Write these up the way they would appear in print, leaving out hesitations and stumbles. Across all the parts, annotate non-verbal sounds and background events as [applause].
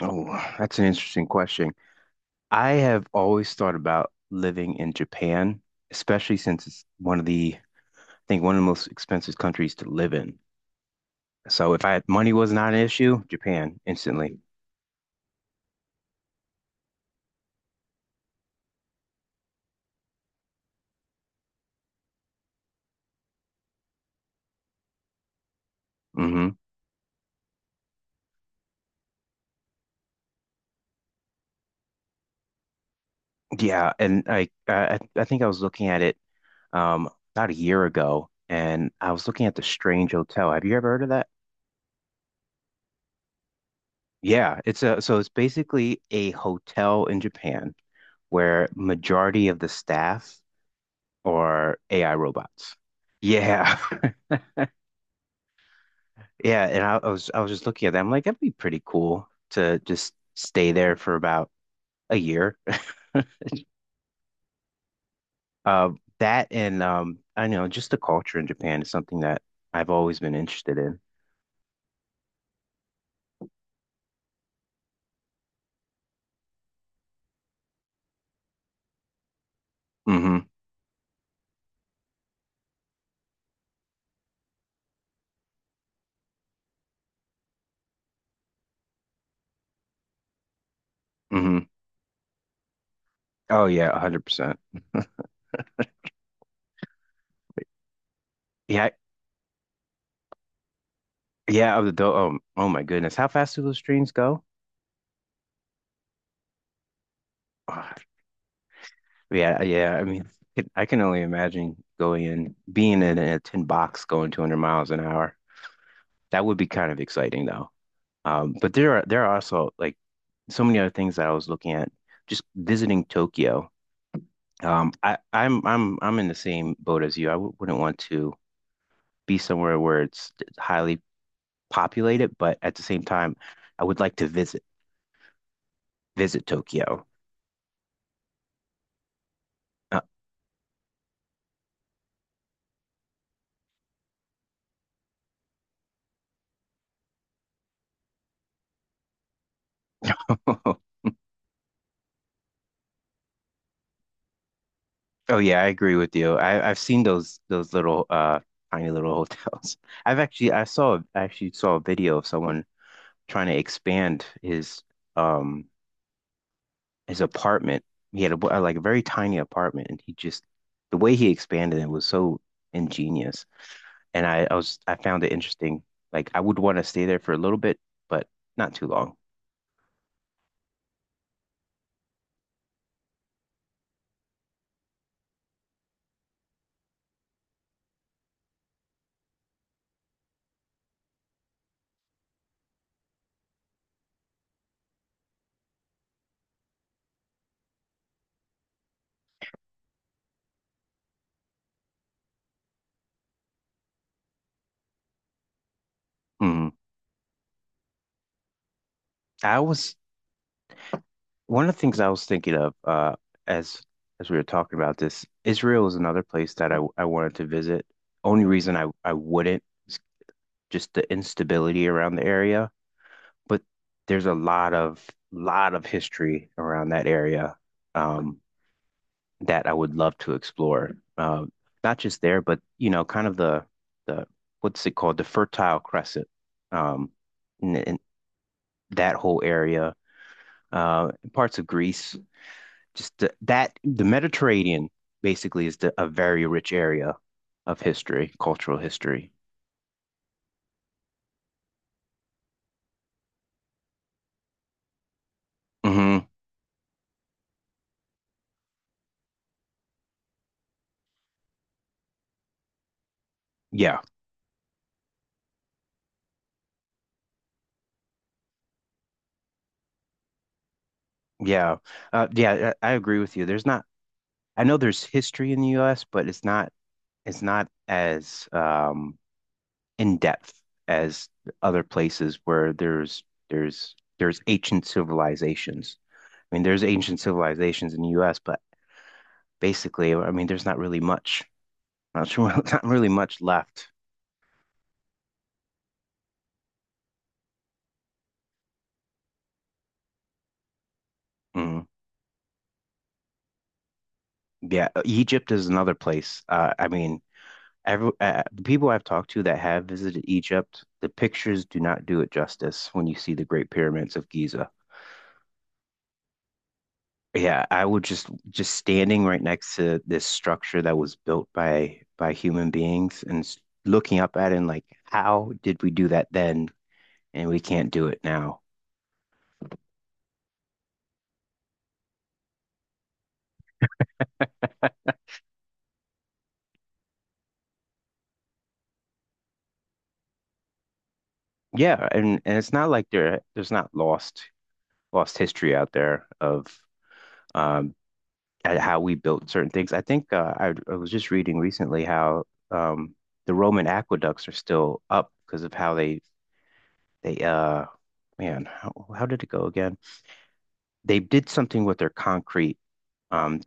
Oh, that's an interesting question. I have always thought about living in Japan, especially since it's one of the, I think one of the most expensive countries to live in. So if I had money was not an issue, Japan instantly. Mhm. Yeah, and I think I was looking at it um about a year ago, and I was looking at the Strange Hotel. Have you ever heard of that? Yeah, it's a so it's basically a hotel in Japan where majority of the staff are AI robots. Yeah, [laughs] yeah, and I was just looking at that. I'm like, that'd be pretty cool to just stay there for about a year. [laughs] Uh, that and I know just the culture in Japan is something that I've always been interested in. Mm-hmm. Hmm. Oh yeah, 100%. Yeah, yeah, of the do oh my goodness. How fast do those trains go? Ah, yeah, yeah. I mean, I can only imagine going in being in a tin box going 200 miles an hour. That would be kind of exciting though. But there are also like so many other things that I was looking at just visiting Tokyo. I I'm in the same boat as you. I w wouldn't want to be somewhere where it's highly populated, but at the same time, I would like to visit Tokyo. Uh, [laughs] oh yeah, I agree with you. I've seen those little tiny little hotels. [laughs] I actually saw a video of someone trying to expand um his apartment. He had a like a very tiny apartment, and he just the way he expanded it was so ingenious. And I found it interesting. Like I would want to stay there for a little bit, but not too long. Mhm. I was. One of the things I was thinking of as as we were talking about this, Israel is another place that I wanted to visit. Only reason I wouldn't is just the instability around the area, but there's a lot of history around that area, um, that I would love to explore. Um, not just there, but you know, kind of the what's it called, the Fertile Crescent, um, and that whole area, parts of Greece. Just the Mediterranean basically is a very rich area of history, cultural history. Hmm. Yeah, yeah, yeah. I agree with you. There's not. I know there's history in the U.S., but it's not as in depth as other places where there's ancient civilizations. I mean, there's ancient civilizations in the U.S., but basically, I mean, there's not really much, not, [laughs] not really much left. Mm. Yeah, Egypt is another place. I mean, every the people I've talked to that have visited Egypt, the pictures do not do it justice when you see the Great Pyramids of Giza. Yeah, I would just standing right next to this structure that was built by human beings and looking up at it and like, how did we do that then and we can't do it now? Yeah, and it's not like there's not lost history out there of um at how we built certain things. I think I was just reading recently how um, the Roman aqueducts are still up because of how they man how did it go again? They did something with their concrete, um,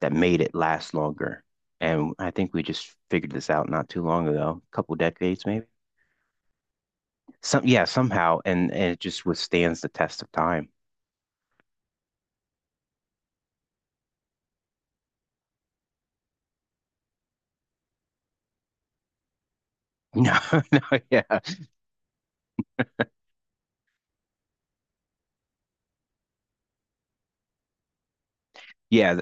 that made it last longer, and I think we just figured this out not too long ago, a couple decades maybe. Some yeah somehow, and it just withstands the test of time. [laughs] No, no, yeah, yeah.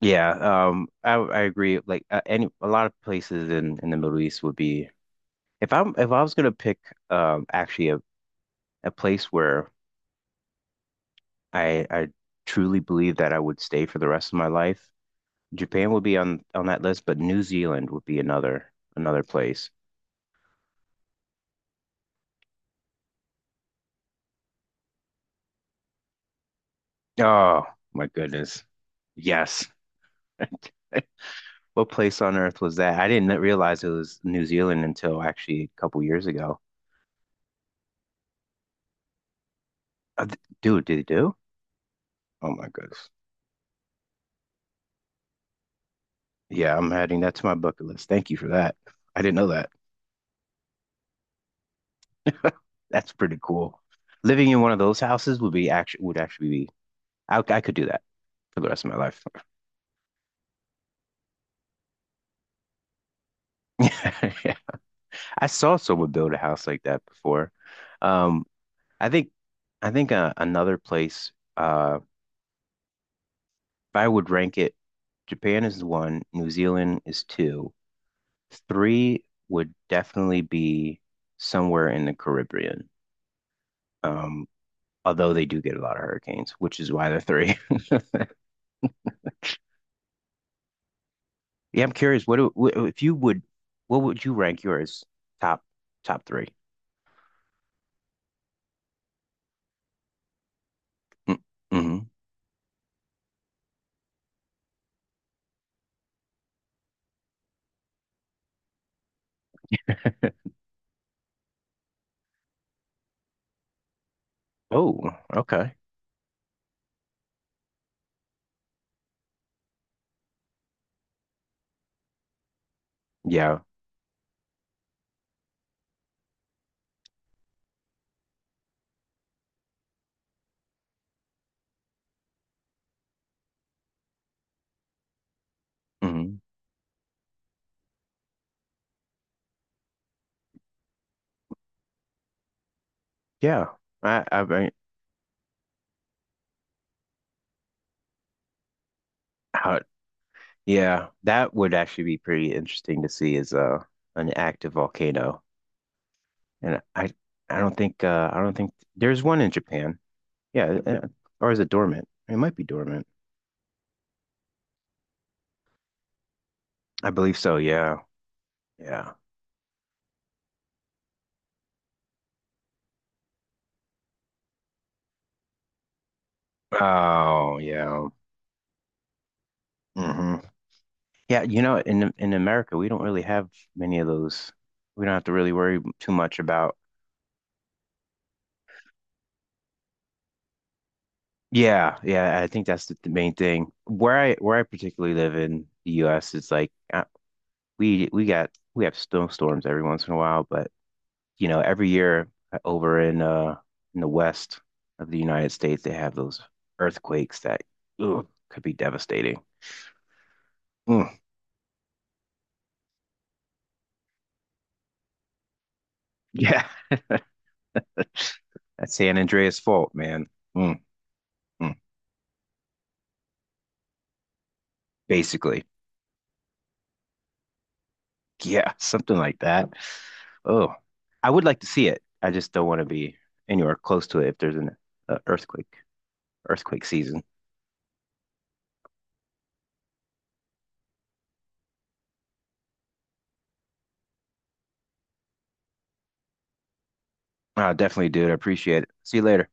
Yeah, I agree. Like any a lot of places in the Middle East would be if I was gonna pick um actually a, a place where I truly believe that I would stay for the rest of my life, Japan would be on that list, but New Zealand would be another place. Oh my goodness, yes. [laughs] What place on earth was that? I didn't realize it was New Zealand until actually a couple years ago. D- dude, did it do? Oh my goodness. Yeah, I'm adding that to my bucket list. Thank you for that. I didn't know that. That's pretty cool. Living in one of those houses would be actually be I could do that for the rest of my life. [laughs] I saw someone build a house like that before. Um, I think I think another place, uh, if I would rank it, Japan is one, New Zealand is two, three would definitely be somewhere in the Caribbean. Um, although they do get a lot of hurricanes, which is why they're three. Yeah, I'm curious. If you would? What would you rank yours top top three? Mm-hmm. Oh, okay. Yeah, hmm yeah. I mean, how, yeah. That would actually be pretty interesting to see as an active volcano. And I don't think I don't think there's one in Japan. Yeah, or is it dormant? It might be dormant. I believe so. Yeah, yeah. Oh, yeah. Hmm. Yeah, you know, in America, we don't really have many of those. We don't have to really worry too much about. Yeah, yeah, I think that's the main thing. Where I particularly live in the U.S. is like we have snowstorms every once in a while, but you know, every year over in the west of the United States, they have those earthquakes that ugh, could be devastating. Mm. Yeah, [laughs] that's San Andreas fault, man. Mm, mm, basically. [laughs] Yeah, something like that. Oh, I would like to see it. I just don't want to be anywhere close to it if there's an uh, earthquake, earthquake season. I'll definitely do it. I appreciate it. See you later.